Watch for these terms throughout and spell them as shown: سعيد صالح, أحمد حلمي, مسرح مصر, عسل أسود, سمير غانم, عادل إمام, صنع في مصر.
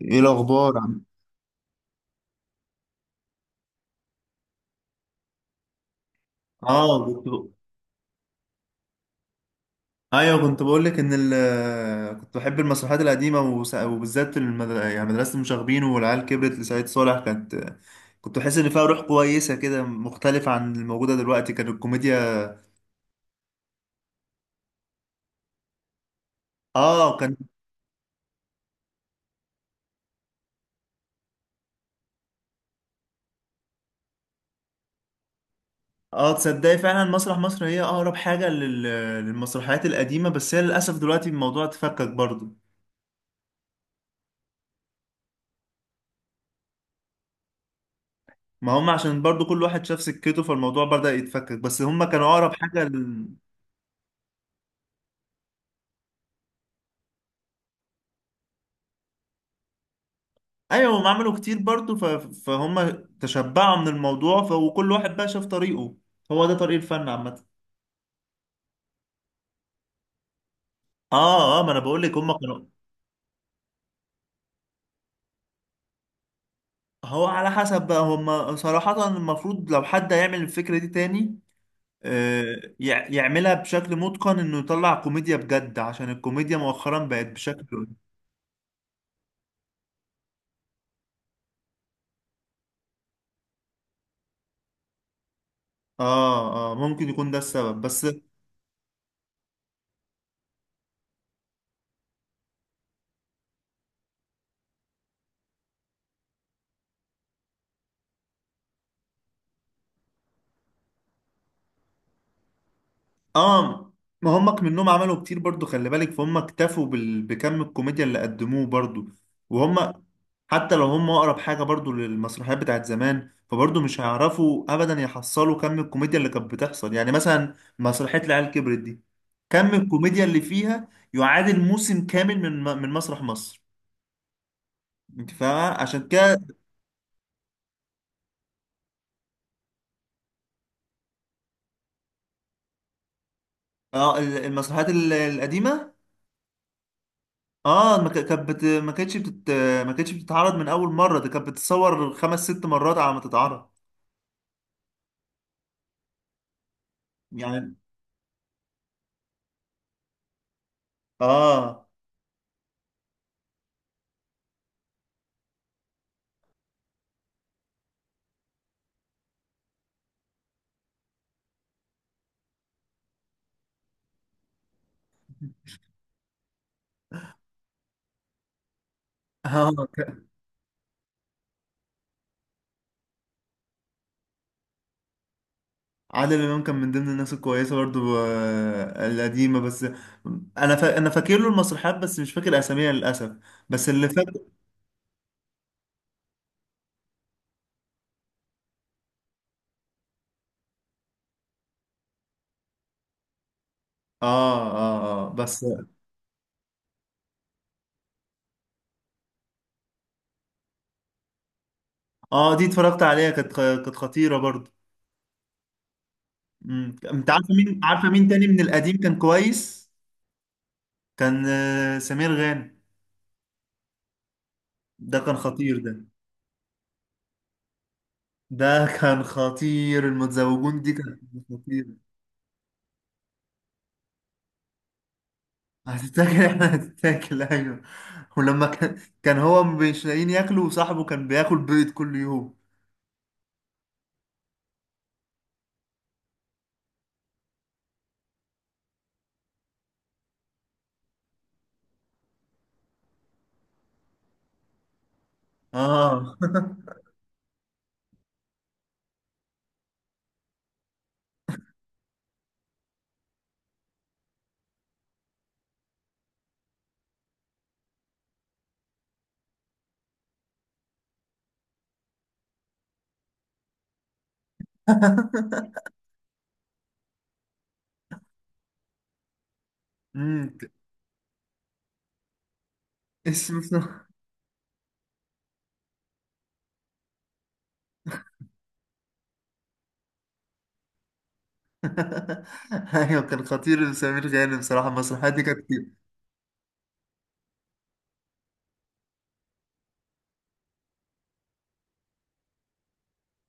ايه الاخبار عم؟ اه كنت ايوه كنت بقول لك ان كنت بحب المسرحيات القديمه وبالذات يعني مدرسه المشاغبين والعيال كبرت لسعيد صالح، كنت بحس ان فيها روح كويسه كده مختلفه عن الموجوده دلوقتي، كان الكوميديا. اه كان اه تصدقي فعلا مسرح مصر هي اقرب حاجه للمسرحيات القديمه، بس هي للاسف دلوقتي الموضوع اتفكك برضه. ما هم عشان برضه كل واحد شاف سكته فالموضوع بدأ يتفكك، بس هم كانوا اقرب حاجه. ايوه هم عملوا كتير برضو فهم تشبعوا من الموضوع وكل واحد بقى شاف طريقه، هو ده طريق الفن عامة. اه ما انا بقول لك هم كانوا. هو على حسب بقى، هم صراحة المفروض لو حد هيعمل الفكرة دي تاني، آه يعملها بشكل متقن، انه يطلع كوميديا بجد عشان الكوميديا مؤخرا بقت بشكل. اه ممكن يكون ده السبب بس. اه ما هم منهم عملوا كتير برضو، خلي بالك، فهم اكتفوا بكم الكوميديا اللي قدموه برضو. وهم حتى لو هم اقرب حاجه برضو للمسرحيات بتاعت زمان، فبرضو مش هيعرفوا ابدا يحصلوا كم الكوميديا اللي كانت بتحصل، يعني مثلا مسرحيه العيال كبرت دي، كم الكوميديا اللي فيها يعادل موسم كامل من من مسرح مصر. انت فاهمه؟ عشان كده. اه المسرحيات القديمه. اه ما كانتش بتتعرض من اول مره، ده كانت بتتصور خمس ست مرات على ما تتعرض. يعني اه. اه عادل امام كان من ضمن الناس الكويسه برضو، القديمه بس. انا فاكر له المسرحيات بس مش فاكر اساميها للاسف، بس اللي فاكر. اه بس. اه دي اتفرجت عليها، كانت كانت خطيره برضو. مم. انت عارفه مين؟ عارفه مين تاني من القديم كان كويس؟ كان سمير غانم، ده كان خطير ده. ده كان خطير، المتزوجون دي كانت خطير. هتتاكل، احنا هتتاكل ايوه. ولما كان هو مش لاقيين ياكلوا وصاحبه كان بياكل بيض كل يوم. اه. امم. اسمه ايوه كان خطير سمير غانم بصراحه، المسرحيات دي كانت كتير.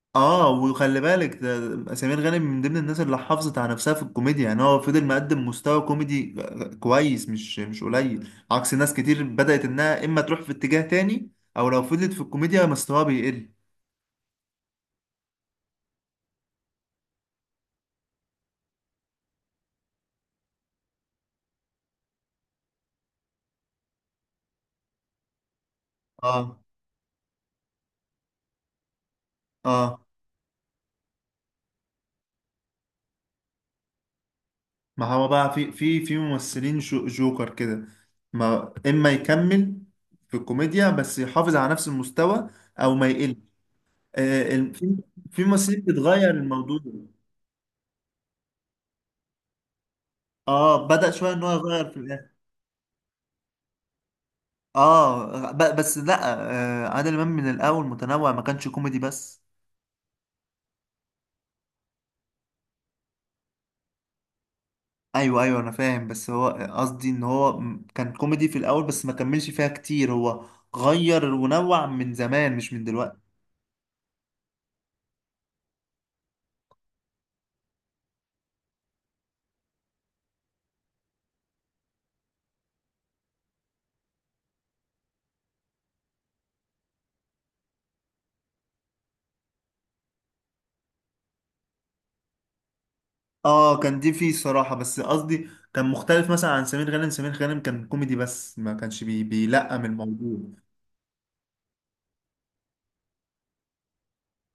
اه وخلي بالك، ده سمير غانم من ضمن الناس اللي حافظت على نفسها في الكوميديا، يعني هو فضل مقدم مستوى كوميدي كويس، مش قليل، عكس ناس كتير بدأت انها اما تروح في اتجاه تاني او لو فضلت في الكوميديا مستواها بيقل. اه. اه ما هو بقى في ممثلين جوكر كده، ما اما يكمل في الكوميديا بس يحافظ على نفس المستوى او ما يقل. آه في، في ممثلين بتغير الموضوع. اه بدأ شويه ان هو يغير في الاخر. اه بس لا، آه عادل امام من الاول متنوع، ما كانش كوميدي بس. ايوه انا فاهم، بس هو قصدي ان هو كان كوميدي في الاول بس ما كملش فيها كتير، هو غير ونوع من زمان مش من دلوقتي. اه كان دي فيه الصراحة، بس قصدي كان مختلف مثلا عن سمير غانم، سمير غانم كان كوميدي بس ما كانش بيلقم الموضوع.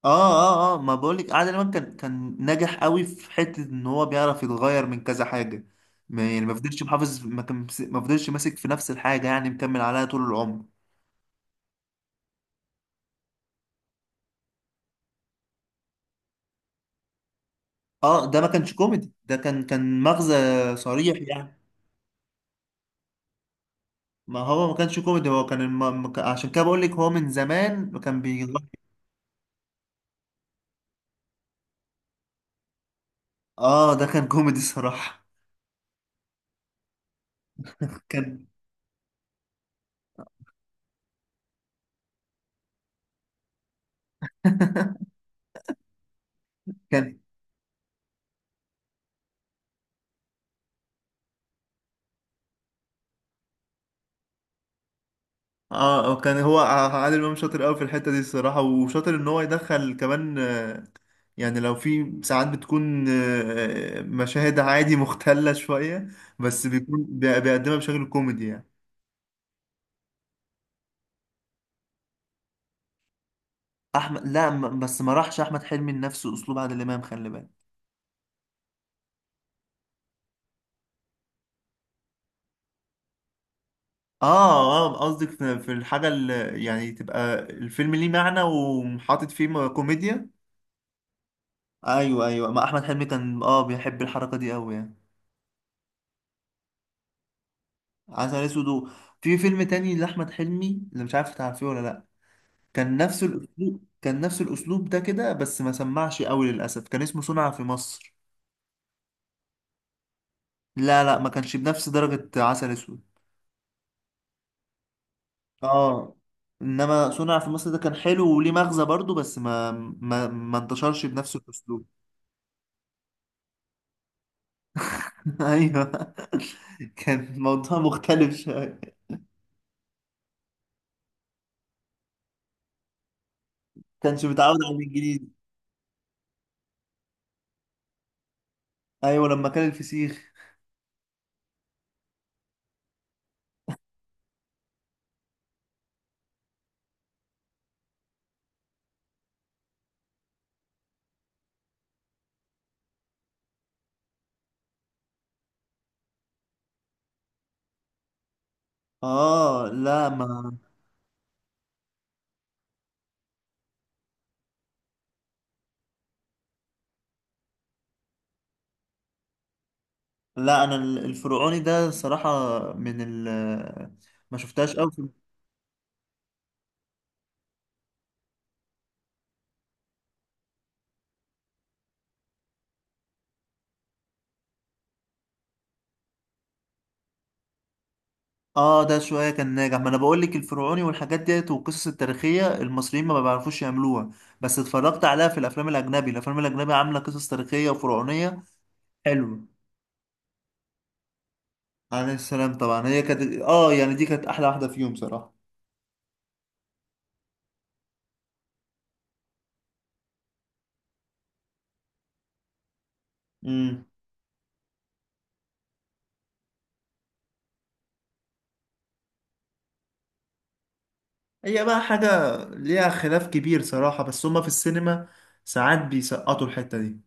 اه اه ما بقولك عادل امام كان ناجح قوي في حتة ان هو بيعرف يتغير من كذا حاجة، ما يعني ما فضلش محافظ، ما كان ما فضلش ماسك في نفس الحاجة يعني مكمل عليها طول العمر. اه ده ما كانش كوميدي، ده كان مغزى صريح يعني. ما هو ما كانش كوميدي، هو كان الم... ما كان- عشان كده بقولك هو من زمان كان بيغير. اه ده كان كوميدي صراحة. كان. كان اه كان هو عادل امام شاطر قوي في الحته دي الصراحه، وشاطر ان هو يدخل كمان، يعني لو في ساعات بتكون مشاهد عادي مختله شويه بس بيكون بيقدمها بشكل كوميدي يعني. احمد لا بس ما راحش احمد حلمي لنفس اسلوب عادل امام، خلي بالك. اه قصدك في، في الحاجه اللي يعني تبقى الفيلم ليه معنى وحاطط فيه كوميديا. ايوه ما احمد حلمي كان اه بيحب الحركه دي قوي يعني. عسل اسود في فيلم تاني لاحمد حلمي اللي مش عارف تعرفيه ولا لا، كان نفس الاسلوب، كان نفس الاسلوب ده كده بس ما سمعش قوي للاسف، كان اسمه صنع في مصر. لا ما كانش بنفس درجة عسل اسود. اه، انما صنع في مصر ده كان حلو وليه مغزى برضو، بس ما ما انتشرش بنفس الاسلوب. ايوه. كان الموضوع مختلف شويه. كانش متعود على الانجليزي. ايوه لما كان الفسيخ. اه لا ما. لا انا الفرعوني ده صراحة، من ال ما شفتهاش قوي اه ده شوية كان ناجح، ما انا بقول لك الفرعوني والحاجات ديت والقصص التاريخية المصريين ما بيعرفوش يعملوها، بس اتفرجت عليها في الافلام الاجنبي، الافلام الاجنبي عاملة قصص تاريخية وفرعونية حلوة. عليه السلام طبعا، هي كانت اه يعني دي كانت احلى واحدة فيهم صراحة. امم. هي بقى حاجة ليها خلاف كبير صراحة، بس هما في السينما ساعات بيسقطوا الحتة دي.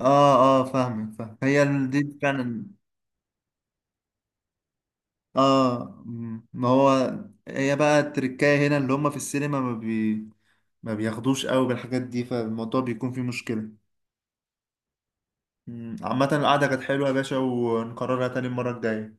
اه اه فاهمك، فاهم هي دي فعلا. اه. مم. ما هو هي بقى التركاية هنا اللي هم في السينما ما بياخدوش قوي بالحاجات دي فالموضوع بيكون فيه مشكلة. مم. عامة القعدة كانت حلوة يا باشا، ونكررها تاني المرة الجاية.